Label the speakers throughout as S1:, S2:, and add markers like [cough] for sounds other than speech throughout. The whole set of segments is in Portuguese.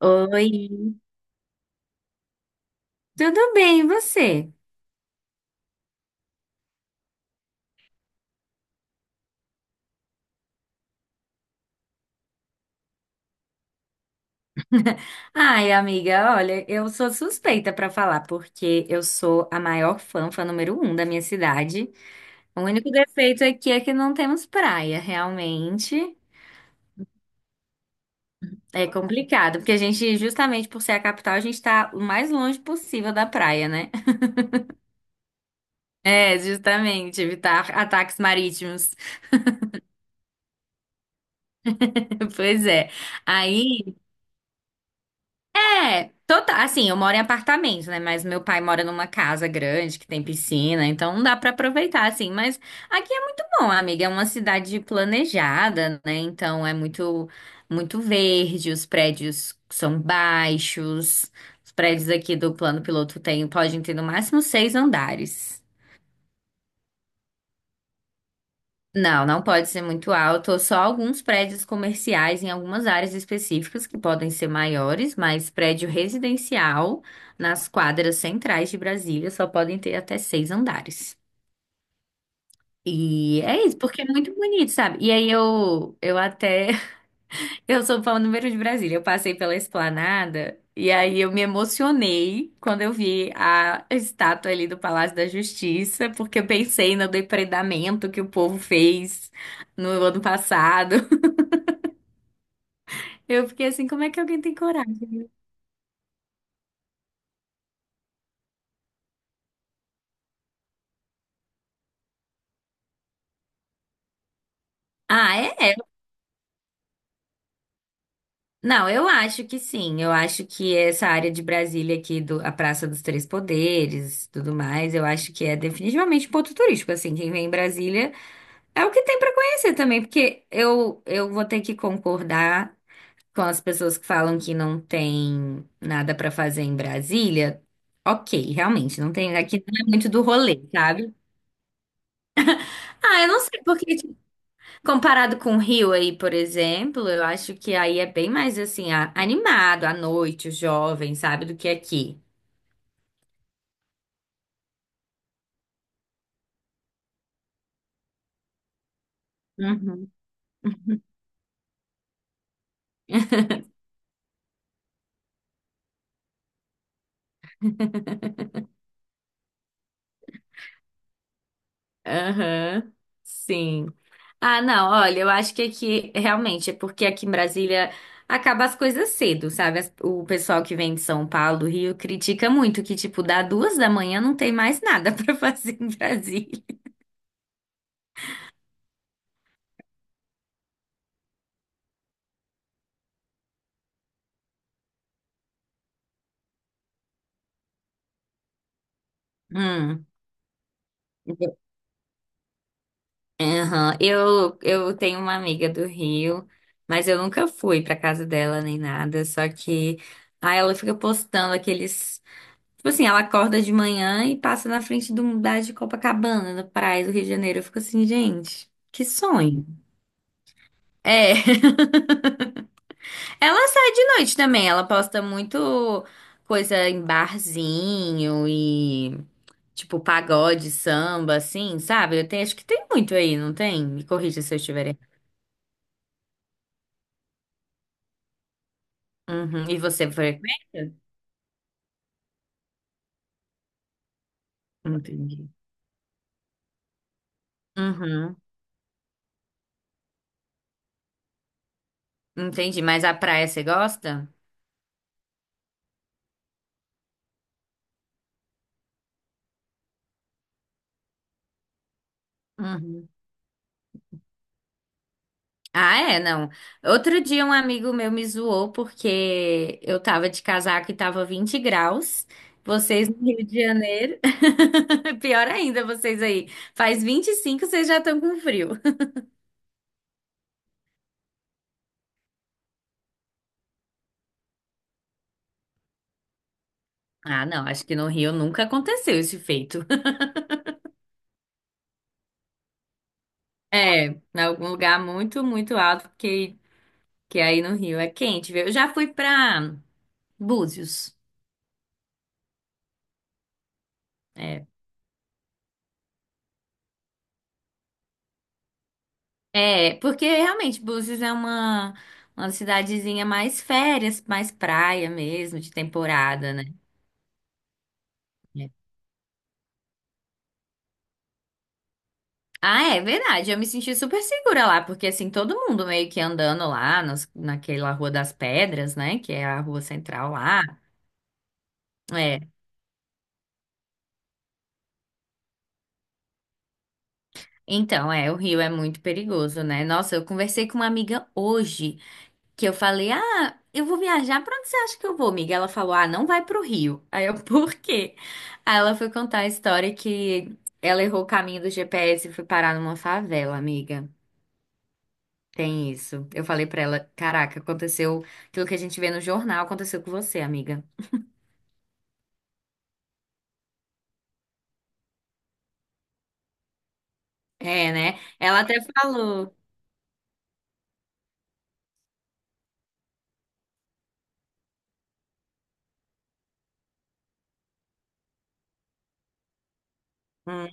S1: Oi, tudo bem, e você? Ai, amiga, olha, eu sou suspeita pra falar, porque eu sou a maior fã número um da minha cidade. O único defeito aqui é que não temos praia, realmente. É complicado, porque a gente, justamente por ser a capital, a gente tá o mais longe possível da praia, né? [laughs] É, justamente, evitar ataques marítimos. [laughs] Pois é. Aí é, total. Assim, eu moro em apartamento, né? Mas meu pai mora numa casa grande que tem piscina, então não dá pra aproveitar, assim. Mas aqui é muito bom, amiga. É uma cidade planejada, né? Então é muito verde, os prédios são baixos. Os prédios aqui do plano piloto tem, podem ter no máximo seis andares. Não, não pode ser muito alto. Só alguns prédios comerciais em algumas áreas específicas que podem ser maiores, mas prédio residencial nas quadras centrais de Brasília só podem ter até seis andares. E é isso, porque é muito bonito, sabe? E aí eu até eu sou fã número um de Brasília. Eu passei pela Esplanada e aí eu me emocionei quando eu vi a estátua ali do Palácio da Justiça, porque eu pensei no depredamento que o povo fez no ano passado. [laughs] Eu fiquei assim, como é que alguém tem coragem? Ah, é? É. Não, eu acho que sim. Eu acho que essa área de Brasília aqui, do, a Praça dos Três Poderes, tudo mais, eu acho que é definitivamente um ponto turístico. Assim, quem vem em Brasília é o que tem pra conhecer também, porque eu vou ter que concordar com as pessoas que falam que não tem nada pra fazer em Brasília. Ok, realmente, não tem, aqui não é muito do rolê, sabe? Ah, eu não sei, porque tipo, comparado com o Rio aí, por exemplo, eu acho que aí é bem mais assim, animado à noite, o jovem, sabe, do que aqui. Uhum. Aham, sim. Ah, não, olha, eu acho que aqui, realmente, é porque aqui em Brasília acaba as coisas cedo, sabe? O pessoal que vem de São Paulo, Rio, critica muito que, tipo, dá duas da manhã não tem mais nada [laughs] pra fazer em Brasília. Hum. Aham. Eu tenho uma amiga do Rio, mas eu nunca fui pra casa dela nem nada, só que aí ela fica postando aqueles. Tipo assim, ela acorda de manhã e passa na frente do da de Copacabana, na praia do Rio de Janeiro. Eu fico assim, gente, que sonho. É, [laughs] ela sai de noite também, ela posta muito coisa em barzinho e tipo pagode, samba, assim, sabe? Eu tenho, acho que tem muito aí, não tem? Me corrija se eu estiver errado. Uhum. E você frequenta? Entendi. Uhum. Entendi, mas a praia você gosta? Uhum. Ah, é, não. Outro dia um amigo meu me zoou porque eu tava de casaco e tava 20 graus. Vocês no Rio de Janeiro. [laughs] Pior ainda, vocês aí. Faz 25 vocês já estão com frio. [laughs] Ah, não, acho que no Rio nunca aconteceu esse feito. [laughs] É, em algum lugar muito alto, porque que aí no Rio é quente, viu? Eu já fui pra Búzios. É, é, porque realmente Búzios é uma cidadezinha mais férias, mais praia mesmo, de temporada, né? É. Ah, é verdade. Eu me senti super segura lá, porque assim, todo mundo meio que andando lá nas, naquela Rua das Pedras, né? Que é a rua central lá. É. Então, é, o Rio é muito perigoso, né? Nossa, eu conversei com uma amiga hoje. Que eu falei, ah, eu vou viajar, pra onde você acha que eu vou, amiga? Ela falou, ah, não vai pro Rio. [laughs] Aí eu, por quê? Aí ela foi contar a história que ela errou o caminho do GPS e foi parar numa favela, amiga. Tem isso. Eu falei pra ela, caraca, aconteceu aquilo que a gente vê no jornal, aconteceu com você, amiga. É, né? Ela até falou. Hum,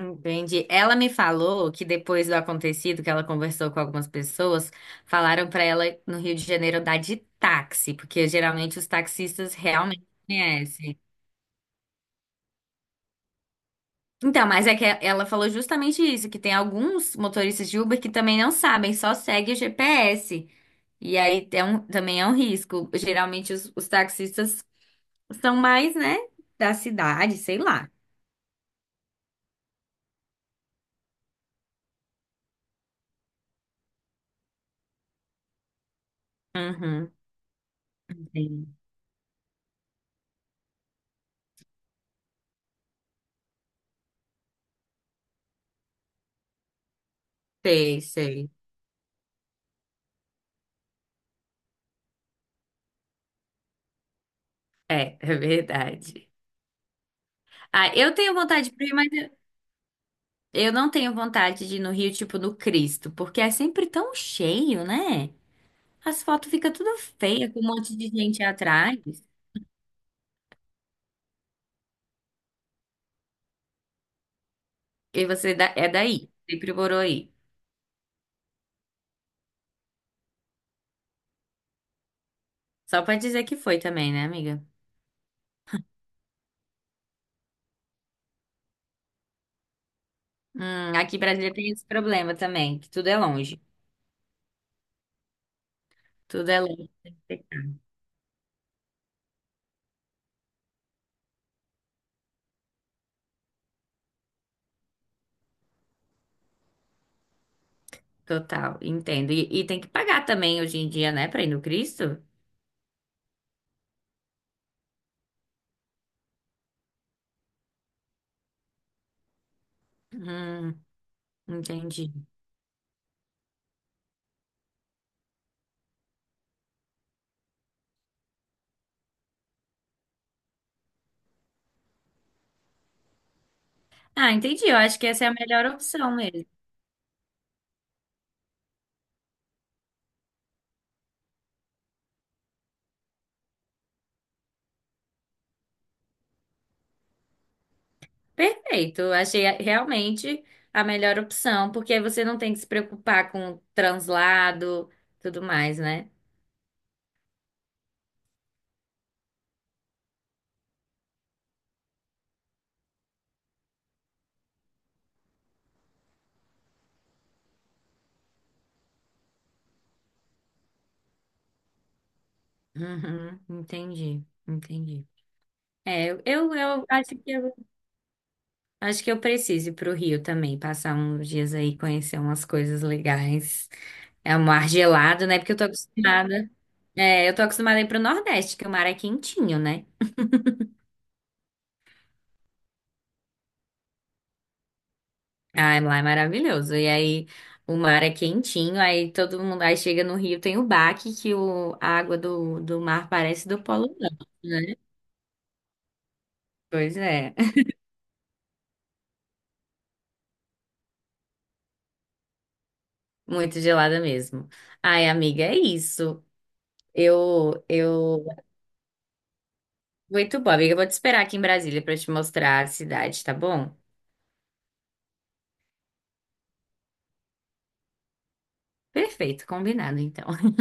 S1: entendi. Ela me falou que depois do acontecido, que ela conversou com algumas pessoas, falaram pra ela no Rio de Janeiro dar de táxi, porque geralmente os taxistas realmente conhecem. Então, mas é que ela falou justamente isso, que tem alguns motoristas de Uber que também não sabem, só segue o GPS. E aí é também é um risco. Geralmente os taxistas são mais, né, da cidade, sei lá. Uhum. Sim. Sei, sei. É, é verdade. Ah, eu tenho vontade de ir, mas eu não tenho vontade de ir no Rio, tipo no Cristo, porque é sempre tão cheio, né? As fotos ficam tudo feia, com um monte de gente atrás. E você é daí, sempre morou aí. Só pra dizer que foi também, né, amiga? Aqui em Brasília tem esse problema também, que tudo é longe. Tudo é longe. Total, entendo. E tem que pagar também hoje em dia, né, pra ir no Cristo? Hum, entendi. Ah, entendi. Eu acho que essa é a melhor opção mesmo. Perfeito, eu achei realmente a melhor opção, porque aí você não tem que se preocupar com translado, tudo mais, né? Uhum, entendi, entendi. É, eu acho que eu, acho que eu preciso ir pro Rio também, passar uns dias aí, conhecer umas coisas legais. É um mar gelado, né? Porque eu tô acostumada. É, eu tô acostumada a ir pro Nordeste, que o mar é quentinho, né? Ai, lá é maravilhoso. E aí o mar é quentinho, aí todo mundo aí chega no Rio, tem o baque que a água do mar parece do Polo Norte, né? Pois é, [laughs] muito gelada mesmo. Ai, amiga, é isso. Eu, eu, muito bom, amiga. Eu vou te esperar aqui em Brasília para te mostrar a cidade, tá bom? Perfeito, combinado então. [laughs]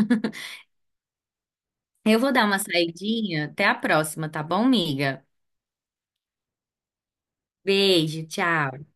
S1: Eu vou dar uma saidinha. Até a próxima, tá bom, amiga? Beijo, tchau.